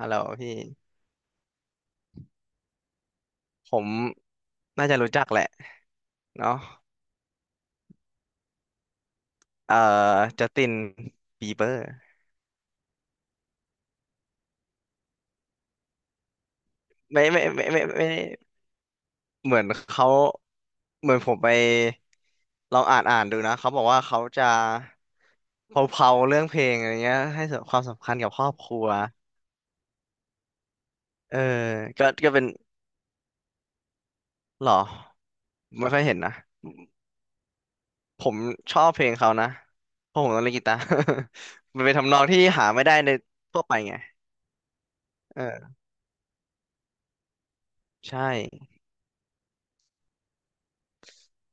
ฮัลโหลพี่ผมน่าจะรู้จักแหละเนาะเอ่อจัสตินบีเบอร์ไม่เหมือนเขาเหมือนผมไปลองอ่านดูนะเขาบอกว่าเขาจะเผาๆเรื่องเพลงอะไรเงี้ยให้ความสำคัญกับครอบครัวเออก็เป็นหรอไม่ค่อยเห็นนะผมชอบเพลงเขานะเพราะผมต้องเล่นกีตาร์ มันเป็นทำนองที่หาไม่ได้ในทั่วไปไงเออใช่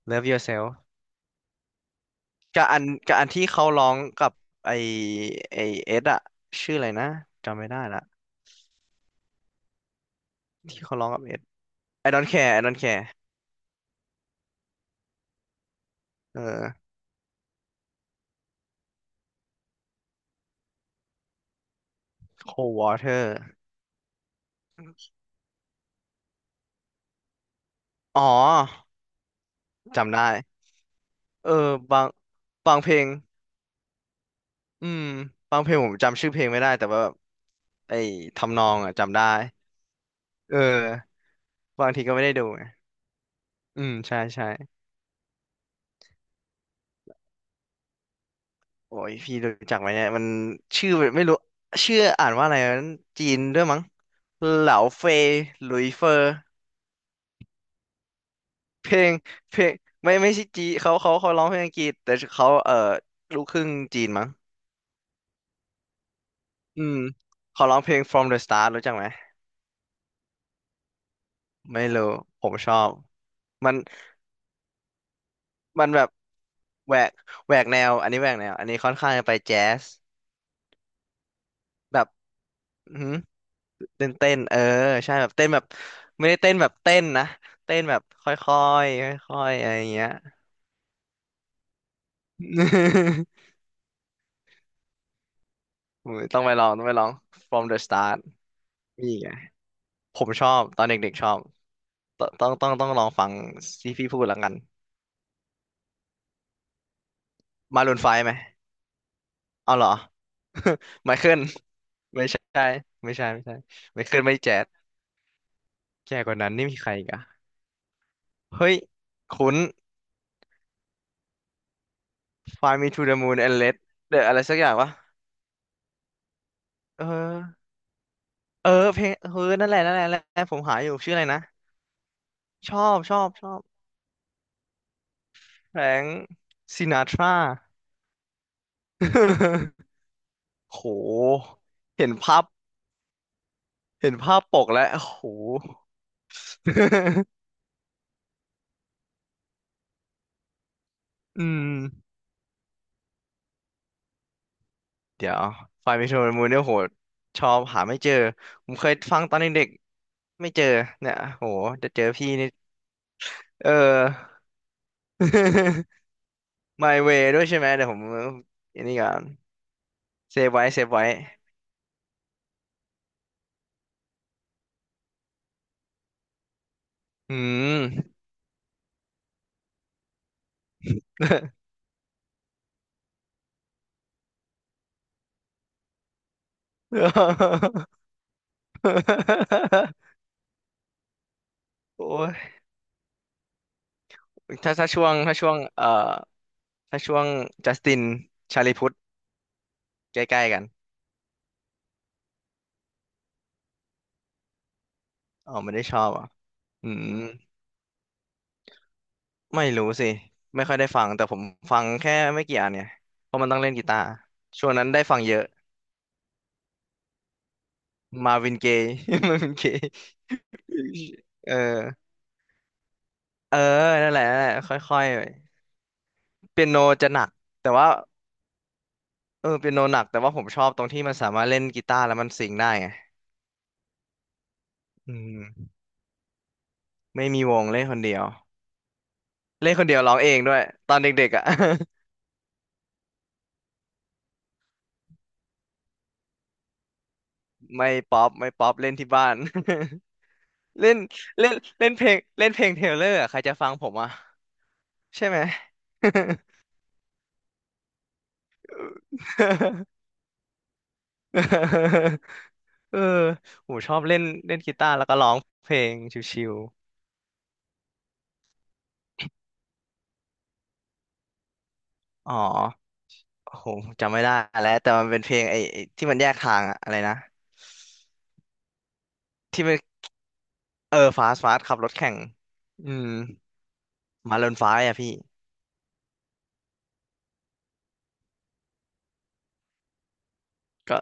Love Yourself กับอันที่เขาร้องกับไอไอเอสอะชื่ออะไรนะจำไม่ได้ละที่เขาร้องกับเอส I don't care I don't care เออ Cold Water อ๋อจำได้เออบางเพลงอืมบางเพลงผมจำชื่อเพลงไม่ได้แต่ว่าแบบไอทำนองอะจำได้เออบางทีก็ไม่ได้ดูไงอืมใช่ใช่โอ้ยพี่รู้จักไหมเนี่ยมันชื่อไม่รู้ชื่ออ่านว่าอะไรนะจีนด้วยมั้งเหลาเฟยหลุยเฟอ เพลงเพลงไม่ใช่จีเขาร้องเพลงอังกฤษแต่เขาลูกครึ่งจีนมั้งอืมเขาร้องเพลง From the Start รู้จักไหมไม่รู้ผมชอบมันมันแบบแหวกแหวกแนวอันนี้ค่อนข้างจะไปแจ๊สแบบอื้อหือเต้นเออใช่แบบเต้นแบบไม่ได้เต้นแบบเต้นนะเต้นแบบค่อยๆค่อยๆอะไรอย่างเงี้ย โอ้ยต้องไปลอง From the Start นี่ไงผมชอบตอนเด็กๆชอบ ตต้องต้องต้องลองฟังที่พี่พูดแล้วกันมารูนไฟไหมเอาเหรอ ไมเคิล ไม่ใช่ไม่ใช่ไมเคิลไม่แจ๊ดแก่กว่านั้นนี่มีใครอีกอะเฮ้ยคุ้น Fly Me to the Moon and Let เดอะอะไรสักอย่างวะเออเออเพลงเออนั่นแหละผมหาอยู่ชื่ออะไรนะชอบแฟรงค์ซินาทรา โหเห็นภาพเห็นภาพปกแล้วโห อืม เดี๋ยวไฟล์มิโมูนเนี่ยโหชอบหาไม่เจอ ผมเคยฟังตอนเด็กๆไม่เจอเนี่ยโหจะเจอพี่นี่เออ My Way ด้วยใช่ไหมเดี๋ยวผมอันนี้ก่อนเซฟไว้ อืม โอ้ยถ้าช่วงถ้าช่วงจัสตินชาลีพุทธใกล้ๆกันอ๋อไม่ได้ชอบอ่ะอืม ไม่รู้สิไม่ค่อยได้ฟังแต่ผมฟังแค่ไม่กี่อันเนี่ยเพราะมันต้องเล่นกีตาร์ช่วงนั้นได้ฟังเยอะมาวิน เกย์ มาวินเกย์เออเออนั่นแหละค่อยๆเปียโนจะหนักแต่ว่าเออเปียโนหนักแต่ว่าผมชอบตรงที่มันสามารถเล่นกีตาร์แล้วมันซิงค์ได้ไงอืมไม่มีวงเล่นคนเดียวเล่นคนเดียวร้องเองด้วยตอนเด็กๆอ่ะ ไม่ป๊อปเล่นที่บ้าน เล่นเล่นเล่นเพลงเทเลอร์อะใครจะฟังผมอ่ะ ใช่ไหม เออผมชอบเล่นเล่นกีตาร์แล้วก็ร้องเพลงชิวๆอ๋อโอ้โหจำไม่ได้แล้วแต่มันเป็นเพลงไอ้ที่มันแยกทางอะอะไรนะที่มันเออฟาสขับรถแข่งอืมมาเรนฟ้าอ่ะพี่ก็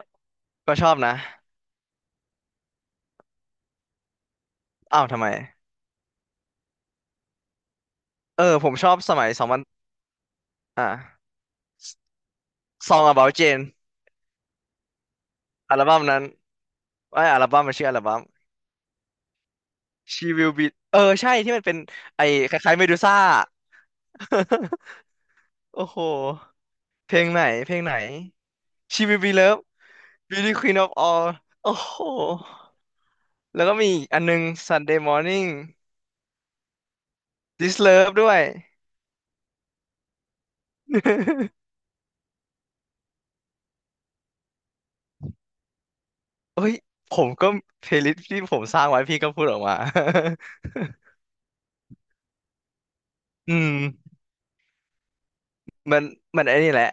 ก็ชอบนะอ้าวทำไมเออผมชอบสมัยสองพันอ่ะ Song About Jane อัลบั้มนั้นไอ้ยอัลบั้มมันชื่ออัลบั้ม She Will Be เออใช่ที่มันเป็นไอ้คล้ายๆเมดูซ่า โอ้โห เพลงไหน She Will Be Loved Beauty Queen of All โอ้โห แล้วก็มีอีกอันนึง Sunday Morning This Love ด้วย เอ้ย ผมก็เพลย์ลิสต์ที่ผมสร้างไว้พี่ก็พูดออกมา อืมมันมันไอ้นี่แหละ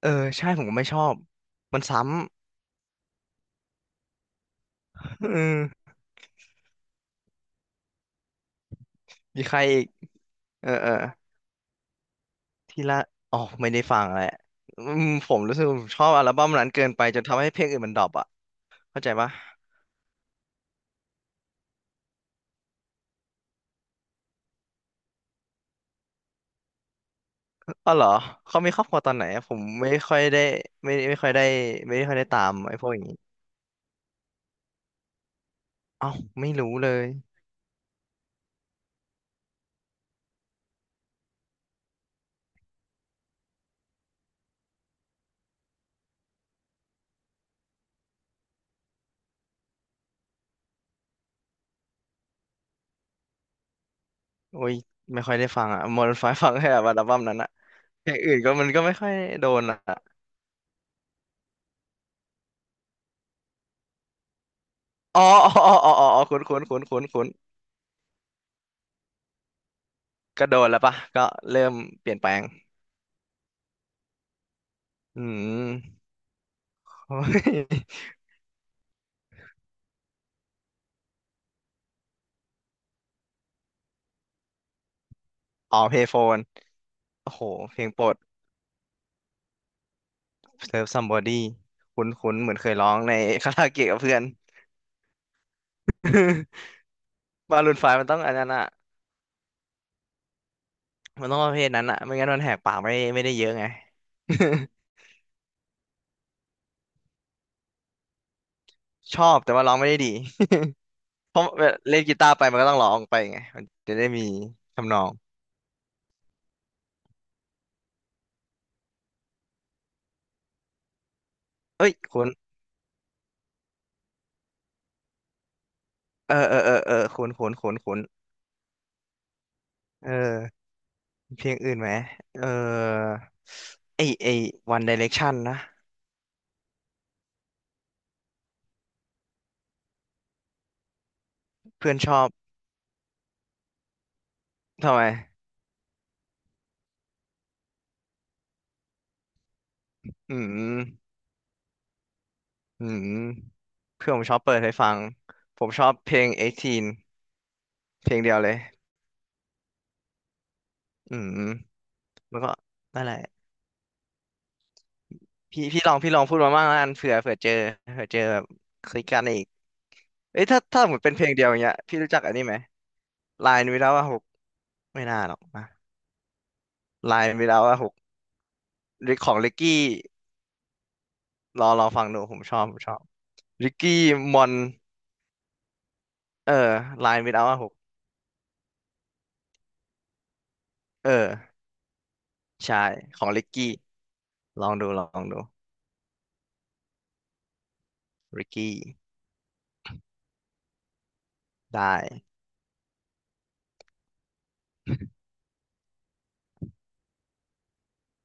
เออ ใช่ผมก็ไม่ชอบ มันซ้ำอืมมีใครอีก เออเออ ที่ละอ๋อไม่ได้ฟังแหละอืมผมรู้สึกผมชอบอัลบั้มนั้นเกินไปจนทำให้เพลงอื่นมันดรอปอ่ะเข้าใจปะ อ๋อเหรอเขามีครอบครัวตอนไหนอะผมไม่ค่อยได้ไม่ค่อยได้ไม่ค่อยได้ตามไอ้พวกอย่างนี้เอ้าไม่รู้เลยโอ้ยไม่ค่อยได้ฟังอ่ะมอร์ไฟฟังแค่แบบอัลบั้มนั้นอะอย่างอื่นก็มันก็ไม่ค่อยโดนอะอ๋อคุ้นคุ้นคุ้นคุ้นคุ้นก็โดนแล้วปะก็เริ่มเปลี่ยนแปลงอืม โอ้ยอ๋อเพย์โฟนโอ้โหเพลงโปรด Serve Somebody คุ้นคุ้นเหมือนเคยร้องใน คาราโอเกะกับเพื่อน บาลูนไฟมันต้องอันนั้นอะ มันต้องประเภทนั้นอะไม่งั้นมันแหกปากไม่ได้เยอะไง ชอบแต่ว่าร้องไม่ได้ดี เพราะเวลาเล่นกีตาร์ไปมันก็ต้องร้องไปไงมันจะได้มีทำนองเอ้ยคุณเออคุณเออมีเพลงอื่นไหมเออไอไอ One Direction นะเพื่อนชอบทำไมอืมอืมเพื่อนผมชอบเปิดให้ฟังผมชอบเพลง18เพลงเดียวเลยอืมแล้วก็นั่นแหละ พี่พี่ลองพูดมาบ้างแล้วกันเผื่อเจอเผื่อเจอแบบคลิกกันอีกเอ้ยถ้าเหมือนเป็นเพลงเดียวอย่างเงี้ยพี่รู้จักอันนี้ไหมลายวิลาว่าหกไม่น่าหรอกนะลายวิลาว่าหกหรือของลิกกี้รอฟังดูผมชอบลิกกี้มอนเออลายวิลาว่าหกเออใช่ของลิกกี้ลองดูลิกกี้ได้